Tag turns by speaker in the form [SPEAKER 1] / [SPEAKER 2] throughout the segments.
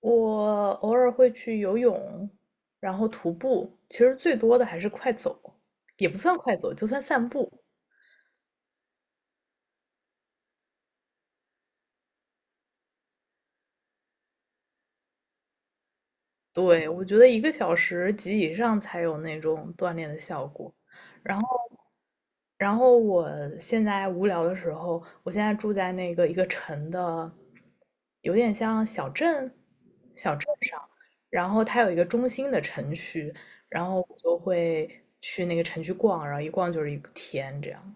[SPEAKER 1] 我偶尔会去游泳，然后徒步，其实最多的还是快走，也不算快走，就算散步。对，我觉得一个小时及以上才有那种锻炼的效果。然后，然后我现在无聊的时候，我现在住在那个一个城的，有点像小镇，小镇上，然后它有一个中心的城区，然后我就会去那个城区逛，然后一逛就是一个天这样。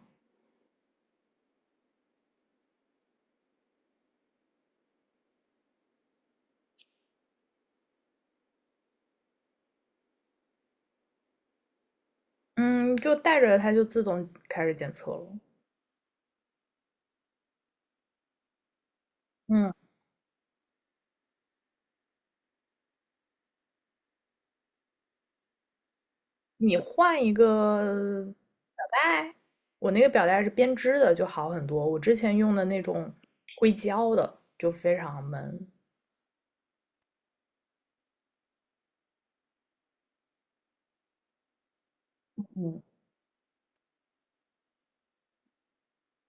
[SPEAKER 1] 嗯，就带着它就自动开始检测了。嗯，你换一个表带，我那个表带是编织的，就好很多。我之前用的那种硅胶的就非常闷，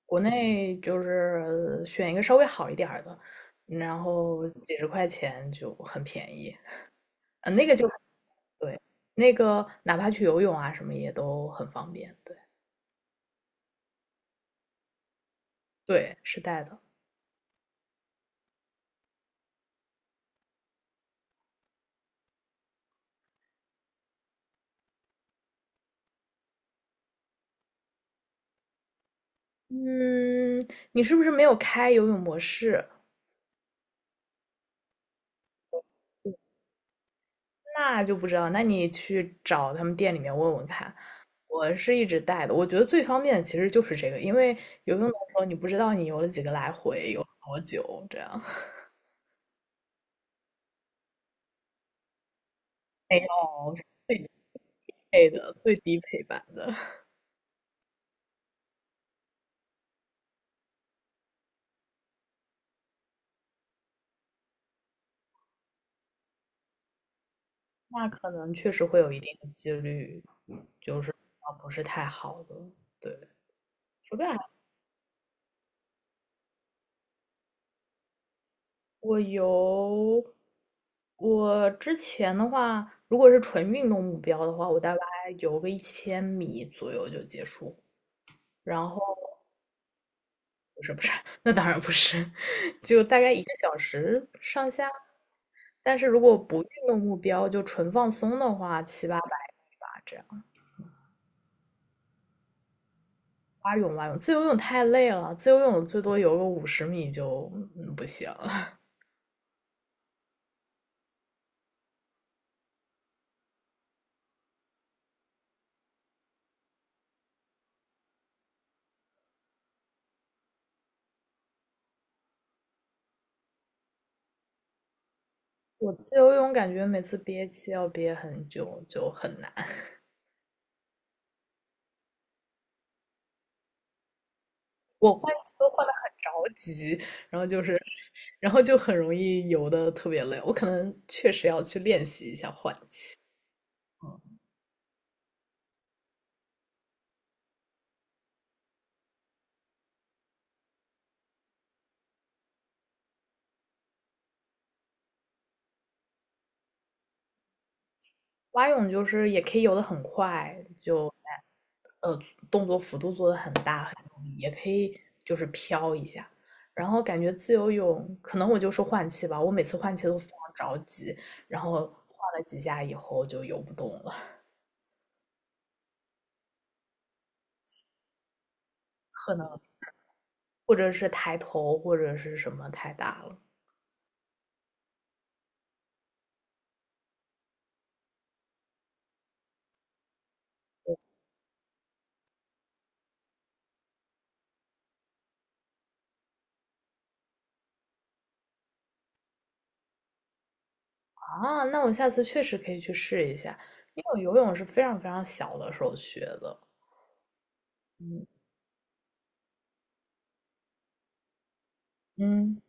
[SPEAKER 1] 国内就是选一个稍微好一点儿的，然后几十块钱就很便宜。那个就对，那个哪怕去游泳啊什么也都很方便。对对，是带的。嗯，你是不是没有开游泳模式？那就不知道，那你去找他们店里面问问看。我是一直带的，我觉得最方便的其实就是这个，因为游泳的时候你不知道你游了几个来回，游了多久，这样 没有配的最低配版的，那可能确实会有一定的几率，就是啊不是太好的。对，手表我游，我之前的话，如果是纯运动目标的话，我大概游个1000米左右就结束，然后。不是不是，那当然不是，就大概1个小时上下。但是如果不运动目标，就纯放松的话，七八百米吧，这样。蛙泳蛙泳，自由泳太累了，自由泳最多游个50米就嗯不行。我自由泳感觉每次憋气要憋很久，就很难。我换气都换的很着急，然后就很容易游的特别累。我可能确实要去练习一下换气。嗯蛙泳就是也可以游得很快，就呃动作幅度做得很大很用力，也可以就是飘一下。然后感觉自由泳，可能我就是换气吧，我每次换气都非常着急，然后换了几下以后就游不动了，可能或者是抬头或者是什么太大了啊。那我下次确实可以去试一下，因为我游泳是非常非常小的时候学的，嗯嗯。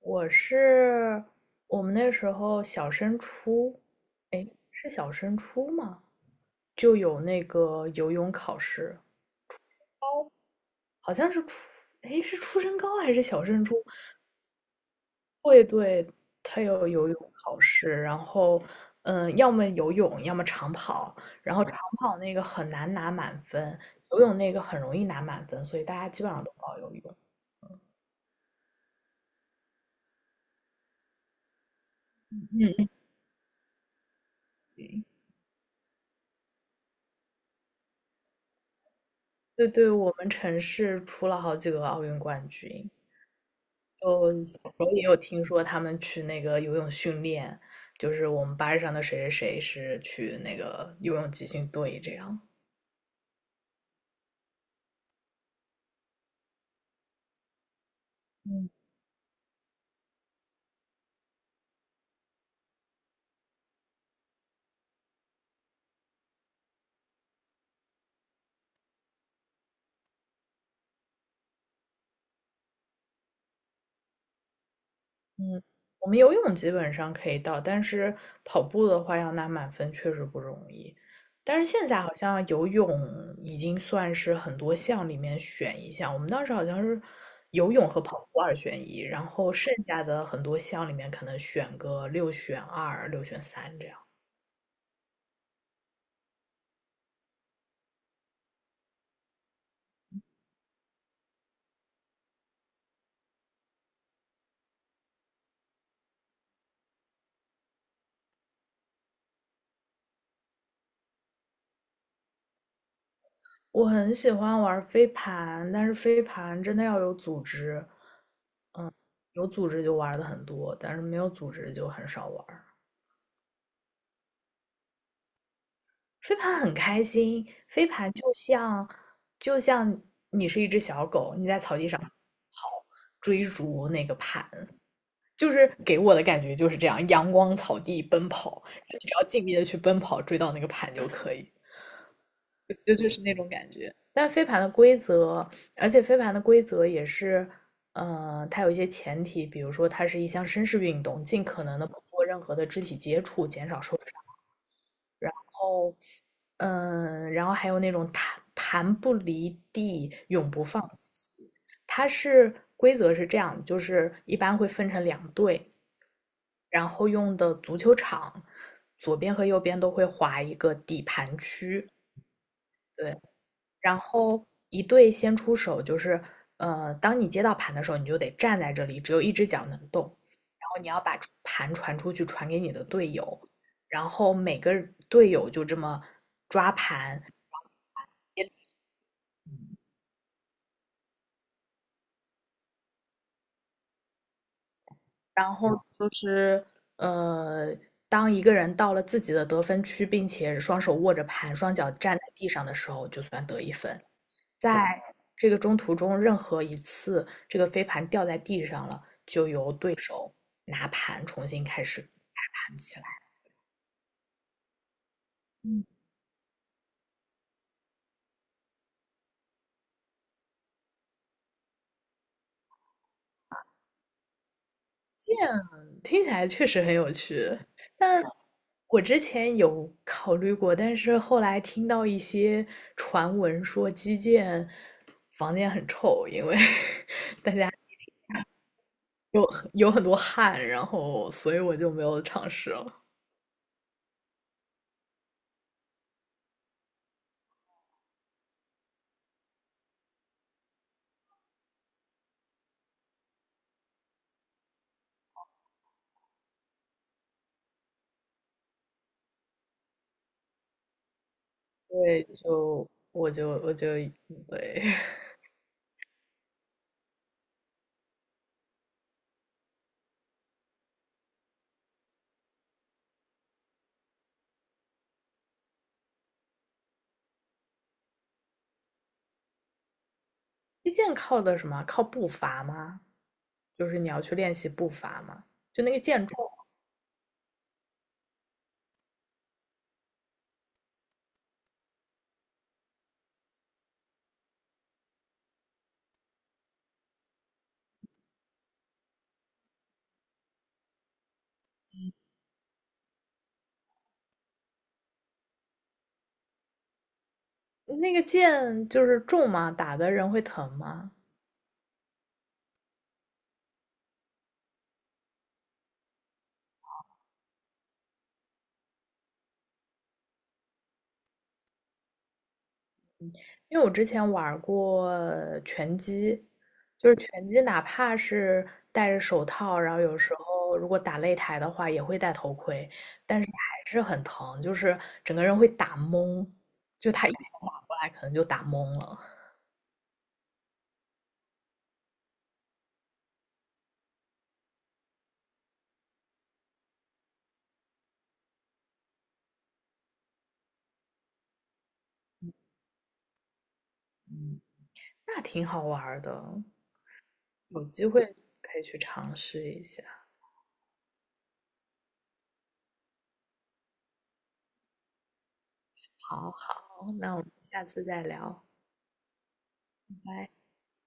[SPEAKER 1] 我是我们那时候小升初，哎，是小升初吗？就有那个游泳考试，好像是初，哎，是初升高还是小升初？会对，他有游泳考试，然后，嗯，要么游泳，要么长跑，然后长跑那个很难拿满分，游泳那个很容易拿满分，所以大家基本上都报游泳。嗯，对对，我们城市出了好几个奥运冠军。就小时候也有听说他们去那个游泳训练，就是我们班上的谁谁谁是去那个游泳集训队这样。嗯，我们游泳基本上可以到，但是跑步的话要拿满分确实不容易。但是现在好像游泳已经算是很多项里面选一项，我们当时好像是游泳和跑步二选一，然后剩下的很多项里面可能选个六选二、六选三这样。我很喜欢玩飞盘，但是飞盘真的要有组织，有组织就玩的很多，但是没有组织就很少玩飞盘很开心，飞盘就像就像你是一只小狗，你在草地上跑，追逐那个盘，就是给我的感觉就是这样，阳光草地奔跑，你只要尽力的去奔跑，追到那个盘就可以。就是那种感觉。但飞盘的规则，而且飞盘的规则也是，它有一些前提，比如说它是一项绅士运动，尽可能的不做任何的肢体接触，减少受伤。然后，嗯，然后还有那种弹盘不离地，永不放弃。它是规则是这样，就是一般会分成两队，然后用的足球场左边和右边都会划一个底盘区，对，然后一队先出手，就是当你接到盘的时候，你就得站在这里，只有一只脚能动，然后你要把盘传出去，传给你的队友，然后每个队友就这么抓盘，然后就是呃，当一个人到了自己的得分区，并且双手握着盘，双脚站在地上的时候，就算得1分。在这个中途中，任何一次这个飞盘掉在地上了，就由对手拿盘重新开始打盘起来。嗯这样听起来确实很有趣，但我之前有考虑过，但是后来听到一些传闻说击剑房间很臭，因为 有有很多汗，然后所以我就没有尝试了。对，就我就对。击剑靠的什么？靠步伐吗？就是你要去练习步伐吗？就那个剑重，那个剑就是重吗？打的人会疼吗？因为我之前玩过拳击，就是拳击，哪怕是戴着手套，然后有时候如果打擂台的话，也会戴头盔，但是还是很疼，就是整个人会打懵，就他一拳打过来，可能就打懵了。嗯，那挺好玩的，有机会可以去尝试一下。好好，那我们下次再聊，拜拜。